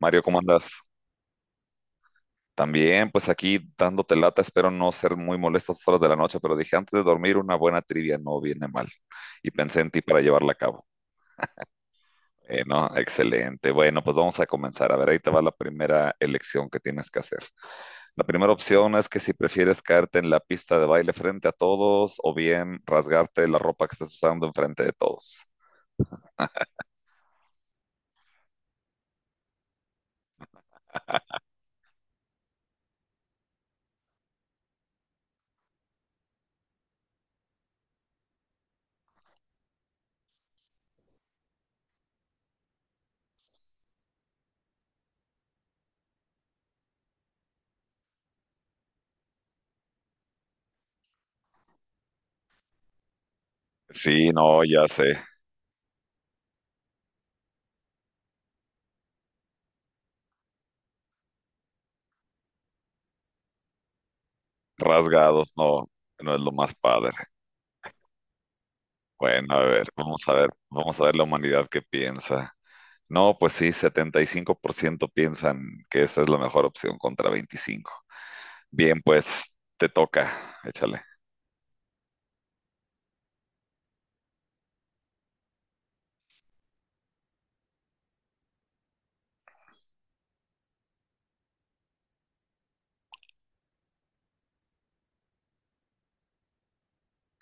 Mario, ¿cómo andas? También, pues aquí dándote lata, espero no ser muy molesto a estas horas de la noche, pero dije, antes de dormir, una buena trivia no viene mal. Y pensé en ti para llevarla a cabo. No, Excelente. Bueno, pues vamos a comenzar. A ver, ahí te va la primera elección que tienes que hacer. La primera opción es que si prefieres caerte en la pista de baile frente a todos o bien rasgarte la ropa que estás usando enfrente de todos. Sí, no, ya sé. Rasgados, no, no es lo más padre. Bueno, a ver, vamos a ver, vamos a ver la humanidad qué piensa. No, pues sí, 75% piensan que esa es la mejor opción contra 25. Bien, pues te toca, échale.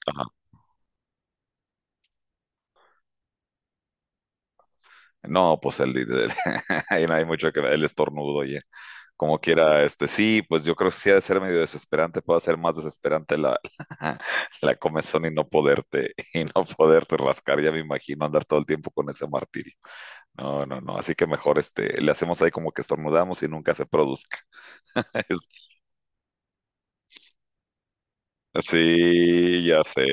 Ajá. No, pues ahí no hay mucho que ver, el estornudo, oye. Como quiera, sí, pues yo creo que sí ha de ser medio desesperante, puede ser más desesperante la, la comezón y no poderte rascar, ya me imagino andar todo el tiempo con ese martirio. No, no, no. Así que mejor le hacemos ahí como que estornudamos y nunca se produzca. Es- sí, ya sé,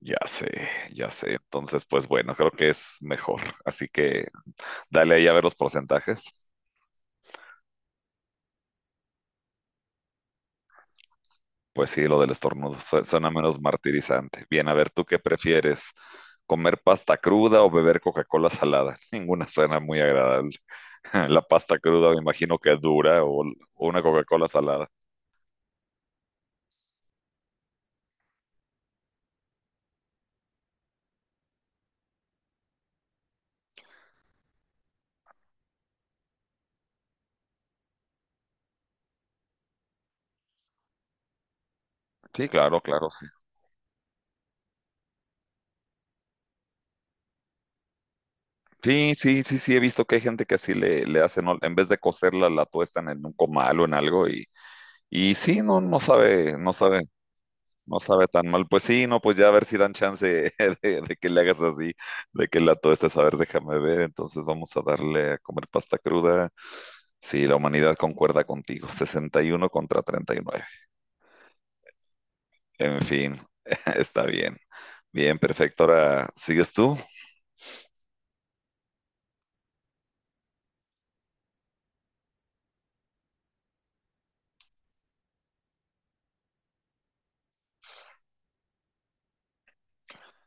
ya sé, ya sé. Entonces, pues bueno, creo que es mejor. Así que dale ahí a ver los porcentajes. Pues sí, lo del estornudo suena menos martirizante. Bien, a ver, ¿tú qué prefieres? ¿Comer pasta cruda o beber Coca-Cola salada? Ninguna suena muy agradable. La pasta cruda me imagino que es dura o una Coca-Cola salada. Sí, claro, claro. Sí, sí, sí, sí, he visto que hay gente que así le hacen, ¿no? En vez de cocerla, la tuestan en un comal o en algo y sí, no, no sabe, no sabe, no sabe tan mal. Pues sí, no, pues ya a ver si dan chance de que le hagas así, de que la tuestes, a ver, déjame ver, entonces vamos a darle a comer pasta cruda. Sí, la humanidad concuerda contigo, 61-39. En fin, está bien, bien, perfecto. Ahora, ¿sigues tú?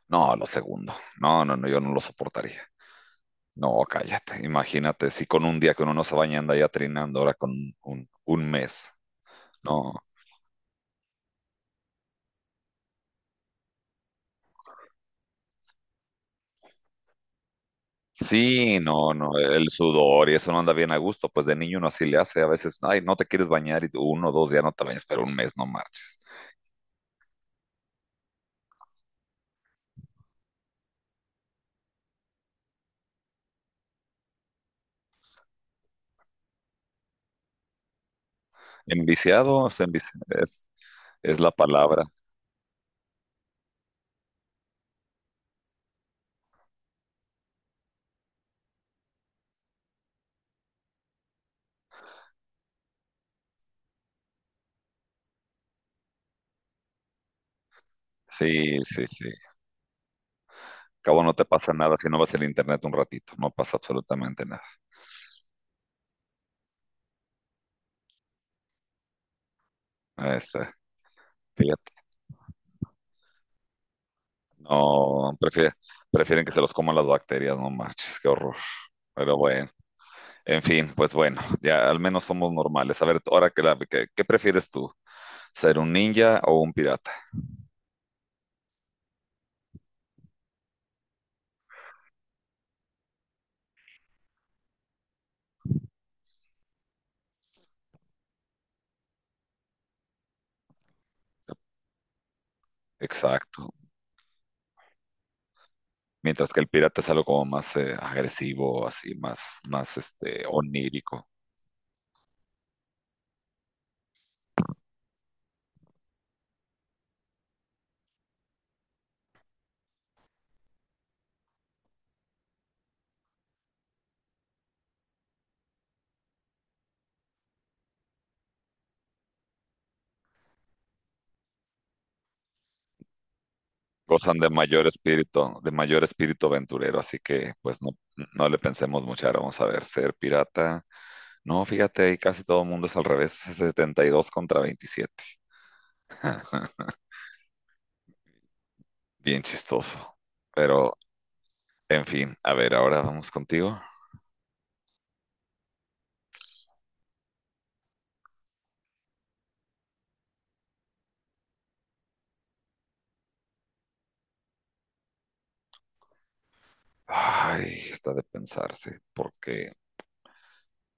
No, lo segundo. No, no, no, yo no lo soportaría. No, cállate, imagínate, si con un día que uno no se baña anda ya trinando, ahora con un mes, no. Sí, no, no, el sudor y eso no anda bien a gusto, pues de niño uno así le hace, a veces, ay, no te quieres bañar y tú 1 o 2 días no te bañas, pero un mes no marches. Enviciado, o sea, es la palabra. Sí, sí, sí. Cabo no te pasa nada si no vas al internet un ratito, no pasa absolutamente nada. Es, eh, fíjate, no, prefieren que se los coman las bacterias, no marches, qué horror. Pero bueno. En fin, pues bueno, ya al menos somos normales. A ver, ahora ¿qué prefieres tú? ¿Ser un ninja o un pirata? Exacto. Mientras que el pirata es algo como más agresivo, así, más onírico. Gozan de mayor espíritu aventurero, así que pues no, no le pensemos mucho. Ahora vamos a ver, ser pirata. No, fíjate, ahí casi todo el mundo es al revés, es 72-27. Bien chistoso. Pero, en fin, a ver, ahora vamos contigo. Ay, está de pensarse, porque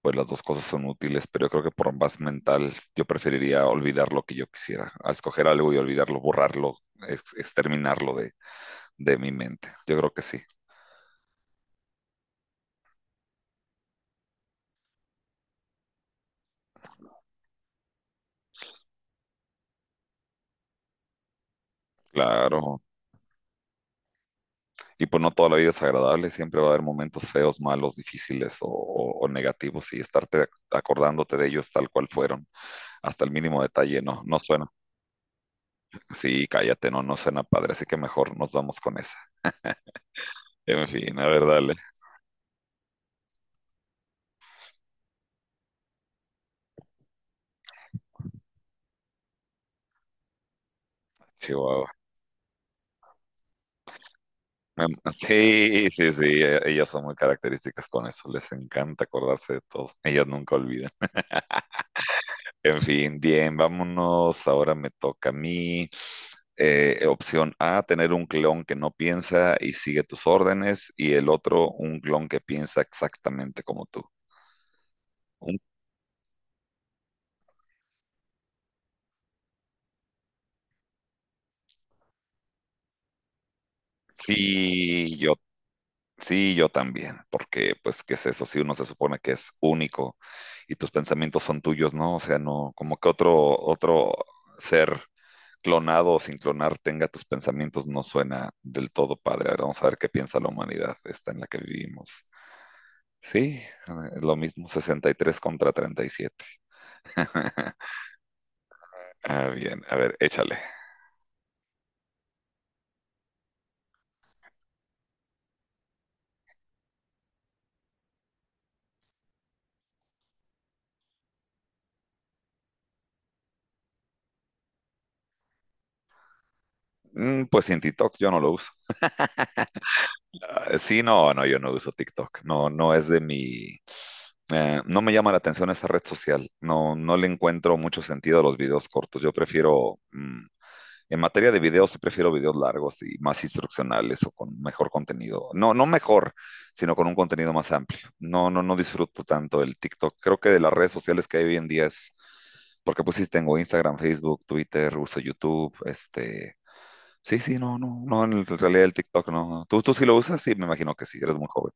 pues las dos cosas son útiles, pero yo creo que por más mental yo preferiría olvidar lo que yo quisiera, a escoger algo y olvidarlo, borrarlo, exterminarlo de mi mente. Yo creo que sí, claro. Y pues no toda la vida es agradable, siempre va a haber momentos feos, malos, difíciles o negativos y estarte acordándote de ellos tal cual fueron, hasta el mínimo detalle, no, no suena. Sí, cállate, no, no suena padre, así que mejor nos vamos con esa. En fin, a ver, dale. Chihuahua. Me- Sí, sí, sí, ellas son muy características con eso, les encanta acordarse de todo, ellas nunca olvidan. En fin, bien, vámonos, ahora me toca a mí. Opción A, tener un clon que no piensa y sigue tus órdenes, y el otro, un clon que piensa exactamente como tú. Un- Sí, yo, sí, yo también, porque pues, ¿qué es eso? Si uno se supone que es único y tus pensamientos son tuyos, ¿no? O sea, no, como que otro ser clonado o sin clonar tenga tus pensamientos no suena del todo padre. Ahora vamos a ver qué piensa la humanidad, esta en la que vivimos. Sí, lo mismo 63 contra 37. Bien, a ver, échale. Pues sin TikTok yo no lo uso. Ah, sí, no, no, yo no uso TikTok. No, no es de mi. No me llama la atención esa red social. No, no le encuentro mucho sentido a los videos cortos. Yo prefiero, en materia de videos, sí prefiero videos largos y más instruccionales o con mejor contenido. No, no mejor, sino con un contenido más amplio. No, no, no disfruto tanto el TikTok. Creo que de las redes sociales que hay hoy en día es, porque pues sí tengo Instagram, Facebook, Twitter, uso YouTube. Sí, sí, no, no, no, en en realidad el TikTok no. No. ¿Tú sí lo usas? Sí, me imagino que sí, eres muy joven.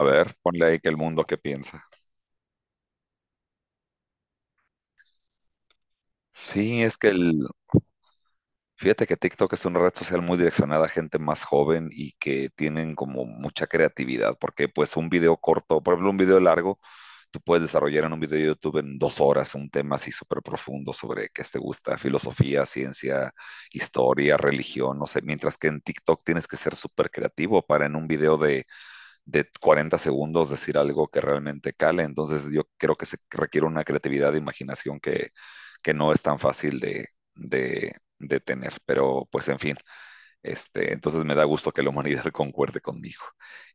A ver, ponle ahí que el mundo qué piensa. Sí, es que el. Fíjate que TikTok es una red social muy direccionada a gente más joven y que tienen como mucha creatividad, porque pues un video corto, por ejemplo, un video largo, tú puedes desarrollar en un video de YouTube en 2 horas un tema así súper profundo sobre qué te gusta, filosofía, ciencia, historia, religión, no sé, mientras que en TikTok tienes que ser súper creativo para en un video de 40 segundos decir algo que realmente cale. Entonces yo creo que se requiere una creatividad de imaginación que no es tan fácil de tener. Pero pues en fin, entonces me da gusto que la humanidad concuerde conmigo.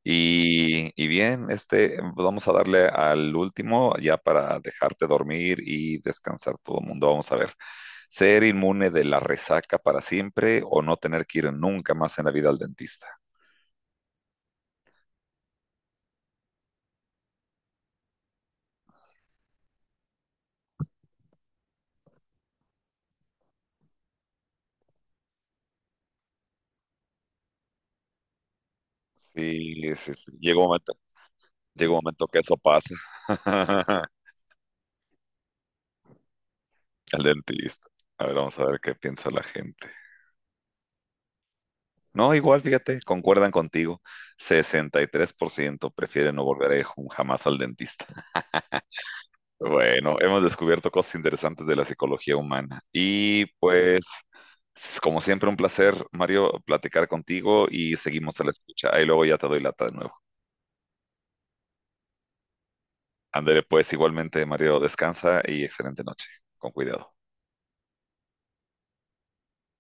Y bien, vamos a darle al último ya para dejarte dormir y descansar todo el mundo. Vamos a ver. Ser inmune de la resaca para siempre o no tener que ir nunca más en la vida al dentista. Sí, sí, sí. Llega un momento que eso pasa. El dentista. A ver, vamos a ver qué piensa la gente. No, igual, fíjate, concuerdan contigo. 63% prefieren no volver jamás al dentista. Bueno, hemos descubierto cosas interesantes de la psicología humana. Y pues, como siempre, un placer, Mario, platicar contigo y seguimos a la escucha. Ahí luego ya te doy lata de nuevo. Andere, pues igualmente, Mario, descansa y excelente noche. Con cuidado.